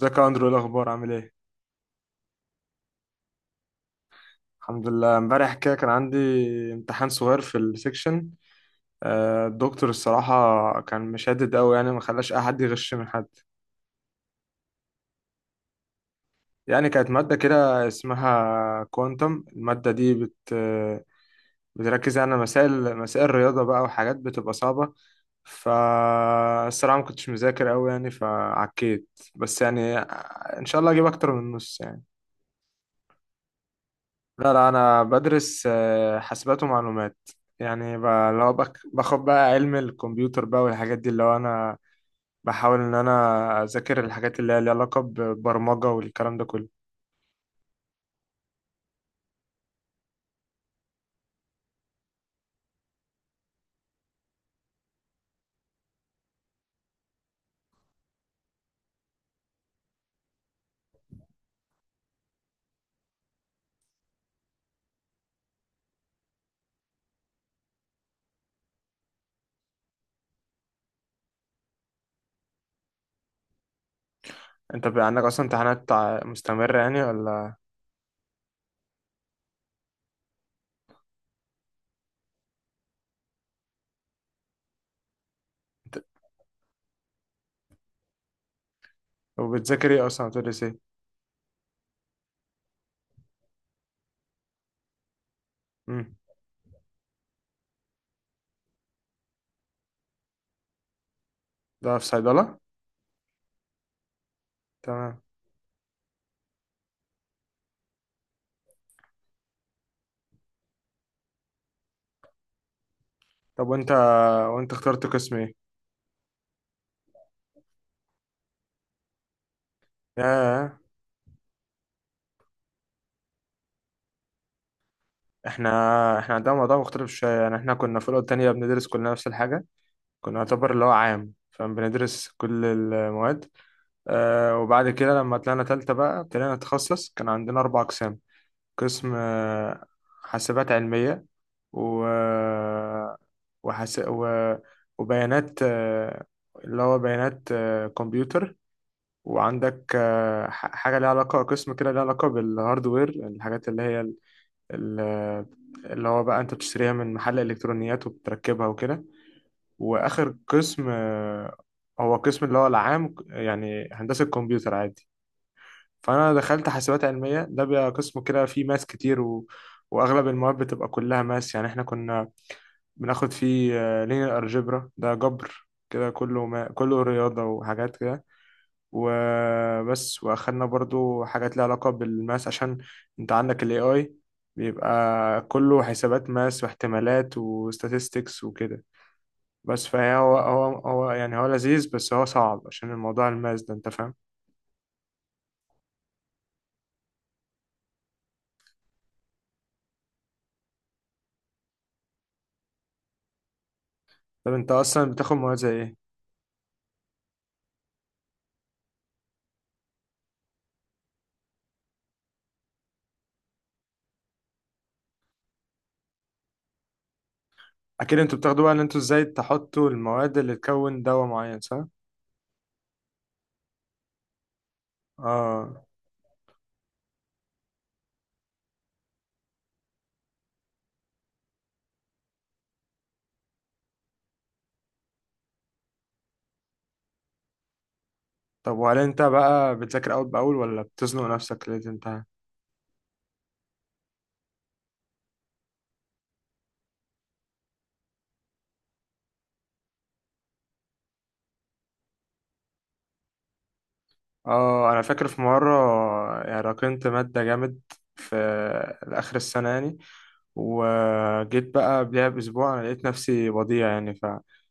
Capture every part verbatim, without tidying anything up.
ازيك يا اندرو، ايه الاخبار؟ عامل ايه؟ الحمد لله، امبارح كده كان عندي امتحان صغير في السكشن. آه، الدكتور الصراحة كان مشدد أوي، يعني ما خلاش أي حد يغش من حد. يعني كانت مادة كده اسمها كوانتم. المادة دي بت بتركز يعني على مسائل مسائل رياضة بقى وحاجات بتبقى صعبة. فالصراحة ما كنتش مذاكر أوي يعني، فعكيت بس يعني. إن شاء الله أجيب أكتر من نص يعني. لا لا، انا بدرس آه، حاسبات ومعلومات. يعني ب- اللي هو بك- باخد بقى علم الكمبيوتر بقى والحاجات دي، اللي هو انا بحاول ان انا اذاكر الحاجات اللي هي ليها علاقة ببرمجة والكلام ده كله. انت بقى عندك اصلا امتحانات ع- مستمرة يعني، ولا؟ انت- وبتذاكر ايه اصلا؟ بتدرس ايه؟ امم ده في صيدلة. تمام. طب وانت وانت اخترت قسم ايه؟ ياه. احنا احنا عندنا موضوع مختلف شوية، يعني احنا كنا في الأولى والتانية بندرس كلنا نفس الحاجة. كنا نعتبر اللي هو عام فبندرس كل المواد. آه، وبعد كده لما طلعنا تالتة بقى ابتدينا نتخصص، كان عندنا أربع أقسام. قسم آه، حاسبات علمية، و... وحس... و... وبيانات آه، اللي هو بيانات آه، كمبيوتر. وعندك آه، ح- حاجة ليها علاقة، قسم كده ليها علاقة بالهاردوير، الحاجات اللي هي ال... ال- اللي هو بقى أنت بتشتريها من محل إلكترونيات وبتركبها وكده. وآخر قسم آه، هو قسم اللي هو العام، يعني هندسة كمبيوتر عادي. فانا دخلت حاسبات علميه، ده بقى قسم كده فيه ماس كتير، و... واغلب المواد بتبقى كلها ماس يعني. احنا كنا بناخد فيه لينير الجبرا، ده جبر كده كله ما... كله رياضه وحاجات كده، وبس. واخدنا برضو حاجات ليها علاقه بالماس، عشان انت عندك الاي اي، بيبقى كله حسابات ماس واحتمالات وستاتستكس وكده بس. فهي هو هو هو يعني هو لذيذ بس هو صعب، عشان الموضوع الماس ده، انت فاهم. طب انت اصلا بتاخد مواد زي ايه؟ اكيد انتوا بتاخدوا بقى ان انتوا ازاي تحطوا المواد اللي تكون دواء معين، صح؟ اه. طب وهل انت بقى بتذاكر اول باول، ولا بتزنق نفسك ليه تنتهي؟ اه انا فاكر في مره يعني راكنت ماده جامد في اخر السنه يعني، وجيت بقى قبلها باسبوع انا لقيت نفسي وضيع يعني،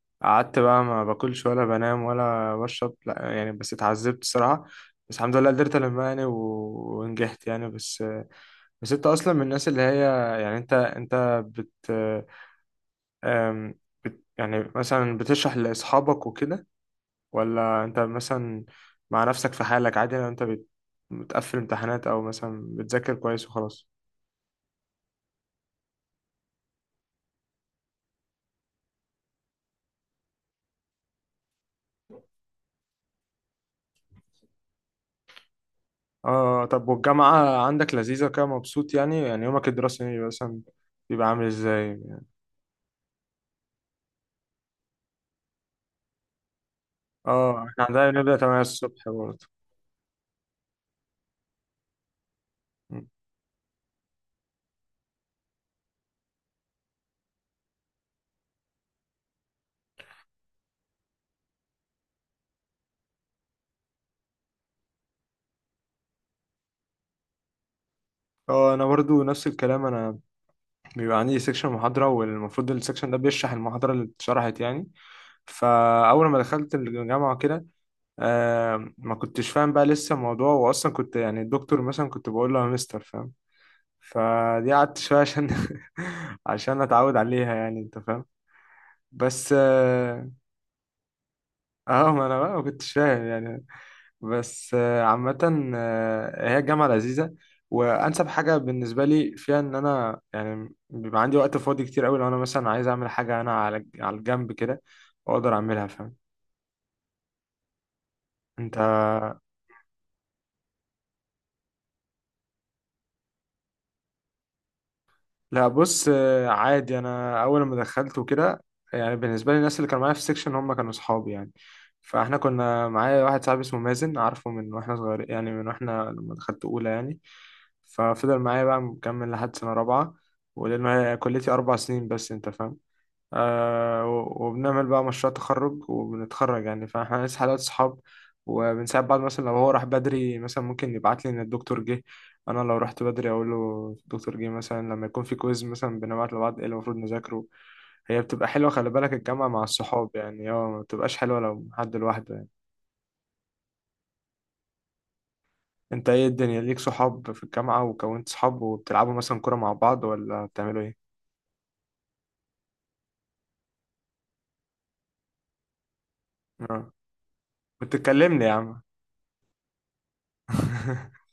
فقعدت بقى ما باكلش ولا بنام ولا بشرب، لا يعني بس اتعذبت الصراحه. بس الحمد لله قدرت المها يعني، و- ونجحت يعني. بس، بس انت اصلا من الناس اللي هي يعني، انت انت بت, أم بت يعني مثلا بتشرح لاصحابك وكده، ولا انت مثلا مع نفسك في حالك عادي؟ لو انت بت بتقفل امتحانات او مثلا بتذاكر كويس وخلاص. اه، آه، آه. طب والجامعة عندك لذيذة كده؟ مبسوط يعني؟ يعني يومك الدراسي بيبقى مثلا، بيبقى عامل ازاي؟ اه احنا عندنا بنبدأ الثامنة الصبح برضه. اه انا برضو نفس الكلام. انا بيبقى عندي سيكشن محاضرة، والمفروض السيكشن ده بيشرح المحاضرة اللي اتشرحت يعني. فاول ما دخلت الجامعه كده آه ما كنتش فاهم بقى لسه الموضوع، واصلا كنت يعني الدكتور مثلا كنت بقول له يا مستر، فاهم. فدي قعدت شويه عشان عشان اتعود عليها يعني، انت فاهم. بس اه. آه، ما انا بقى ما كنتش فاهم يعني. بس آه عامه آه هي الجامعه لذيذه، وانسب حاجه بالنسبه لي فيها ان انا يعني بيبقى عندي وقت فاضي كتير قوي، لو انا مثلا عايز اعمل حاجه انا على على الجنب كده واقدر اعملها، فاهم. انت. لا بص، آه، عادي. انا اول ما دخلت وكده يعني، بالنسبه لي الناس اللي كانوا معايا في السكشن هم كانوا اصحابي يعني. فاحنا كنا معايا واحد صاحبي اسمه مازن، عارفه من واحنا صغير يعني، من واحنا لما دخلت اولى يعني. ففضل معايا بقى مكمل لحد سنه رابعه، ولانه هي كليتي اربع سنين بس، انت فاهم. آه و- وبنعمل بقى مشروع تخرج وبنتخرج يعني، فاحنا لسه حالات صحاب. وبنساعد بعض، مثلا لو هو راح بدري مثلا ممكن يبعت لي ان الدكتور جه، انا لو رحت بدري اقول له الدكتور جه مثلا. لما يكون في كويز مثلا بنبعت لبعض ايه اللي المفروض نذاكره. هي بتبقى حلوه، خلي بالك الجامعه مع الصحاب يعني، اه. ما بتبقاش حلوه لو حد لوحده يعني. انت ايه الدنيا ليك صحاب في الجامعه وكونت صحاب؟ وبتلعبوا مثلا كوره مع بعض ولا بتعملوا ايه؟ اه، كنت تكلمني يا عم.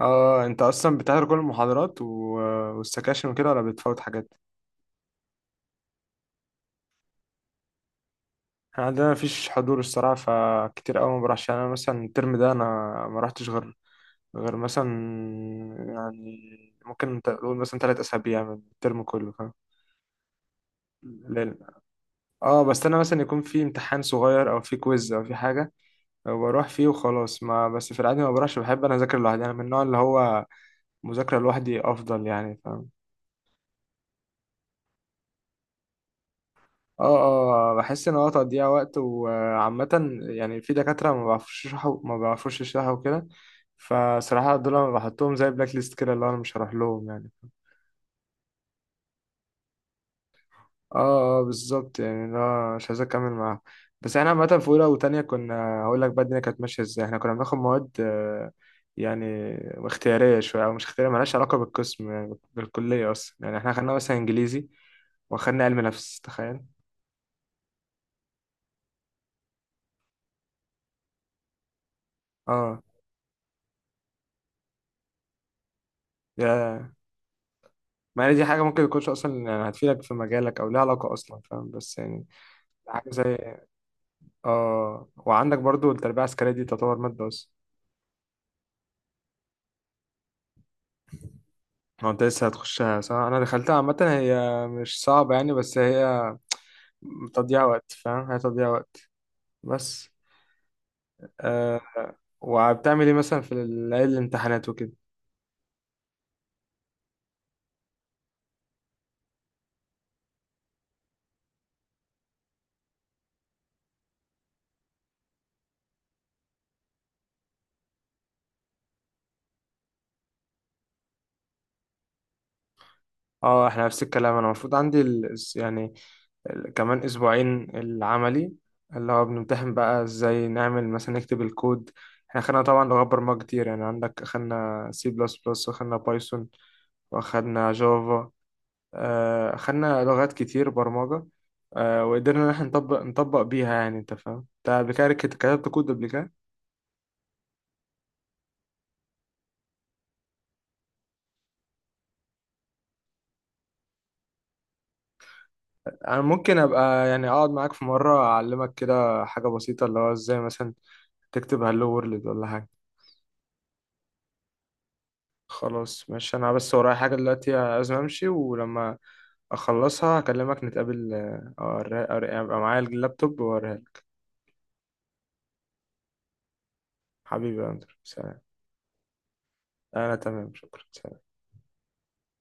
اه، انت اصلا بتحضر كل المحاضرات و... والسكاشن وكده، ولا بتفوت حاجات؟ احنا عندنا مفيش حضور الصراحه، فكتير قوي ما بروحش يعني. انا مثلا الترم ده انا ما رحتش غير، غير مثلا يعني، ممكن تقول مثلا ثلاث اسابيع من الترم كله، فاهم. ليلة. اه بس انا مثلا يكون في امتحان صغير او في كويز او في حاجه بروح فيه وخلاص. ما بس في العادي ما بروحش. بحب انا اذاكر لوحدي، انا من النوع اللي هو مذاكره لوحدي افضل يعني، فاهم. اه اه بحس ان هو تضييع وقت، وعامة يعني في دكاترة ما بيعرفوش يشرحوا ما بيعرفوش يشرحوا وكده. فصراحة دول انا بحطهم زي بلاك ليست كده، اللي هو انا مش هروح لهم يعني. اه اه بالظبط، يعني اللي هو مش عايز اكمل معاهم. بس احنا عامة في اولى وتانية كنا، هقول لك بقى الدنيا كانت ماشية ازاي. احنا كنا بناخد مواد آه، يعني اختيارية شوية، او مش اختيارية مالهاش علاقة بالقسم يعني، بالكلية اصلا يعني. احنا خدنا مثلا انجليزي، واخدنا علم نفس، تخيل. اه، يا. ما هي دي حاجة ممكن يكونش أصلا يعني هتفيدك في مجالك، أو ليها علاقة أصلا، فاهم، بس يعني حاجة زي. آه وعندك برضو التربية العسكرية، دي تعتبر مادة بس. هو أنت لسه هتخشها، صح؟ أنا دخلتها عامة، هي مش صعبة يعني، بس هي تضييع وقت، فاهم، هي تضييع وقت. بس آه. وبتعمل إيه مثلا في ليالي الامتحانات وكده؟ اه احنا نفس الكلام. انا المفروض عندي ال... يعني ال- كمان اسبوعين العملي، اللي هو بنمتحن بقى ازاي نعمل مثلا نكتب الكود. احنا خدنا طبعا لغات برمجة كتير يعني، عندك خدنا سي بلس بلس، واخدنا بايثون، واخدنا جافا، آه، خدنا لغات كتير برمجة. آه، وقدرنا ان احنا نطبق نطبق بيها يعني، انت فاهم. انت قبل كده كت- كتبت كود قبل كده؟ انا ممكن ابقى يعني اقعد معاك في مرة اعلمك كده حاجة بسيطة، اللي هو ازاي مثلا تكتب هالو وورلد ولا حاجة. خلاص ماشي، انا بس ورايا حاجة دلوقتي لازم امشي، ولما اخلصها هكلمك نتقابل. آه، أوري- أوري- يبقى معايا اللابتوب واوريها لك. حبيبي يا اندر، سلام. انا تمام، شكرا.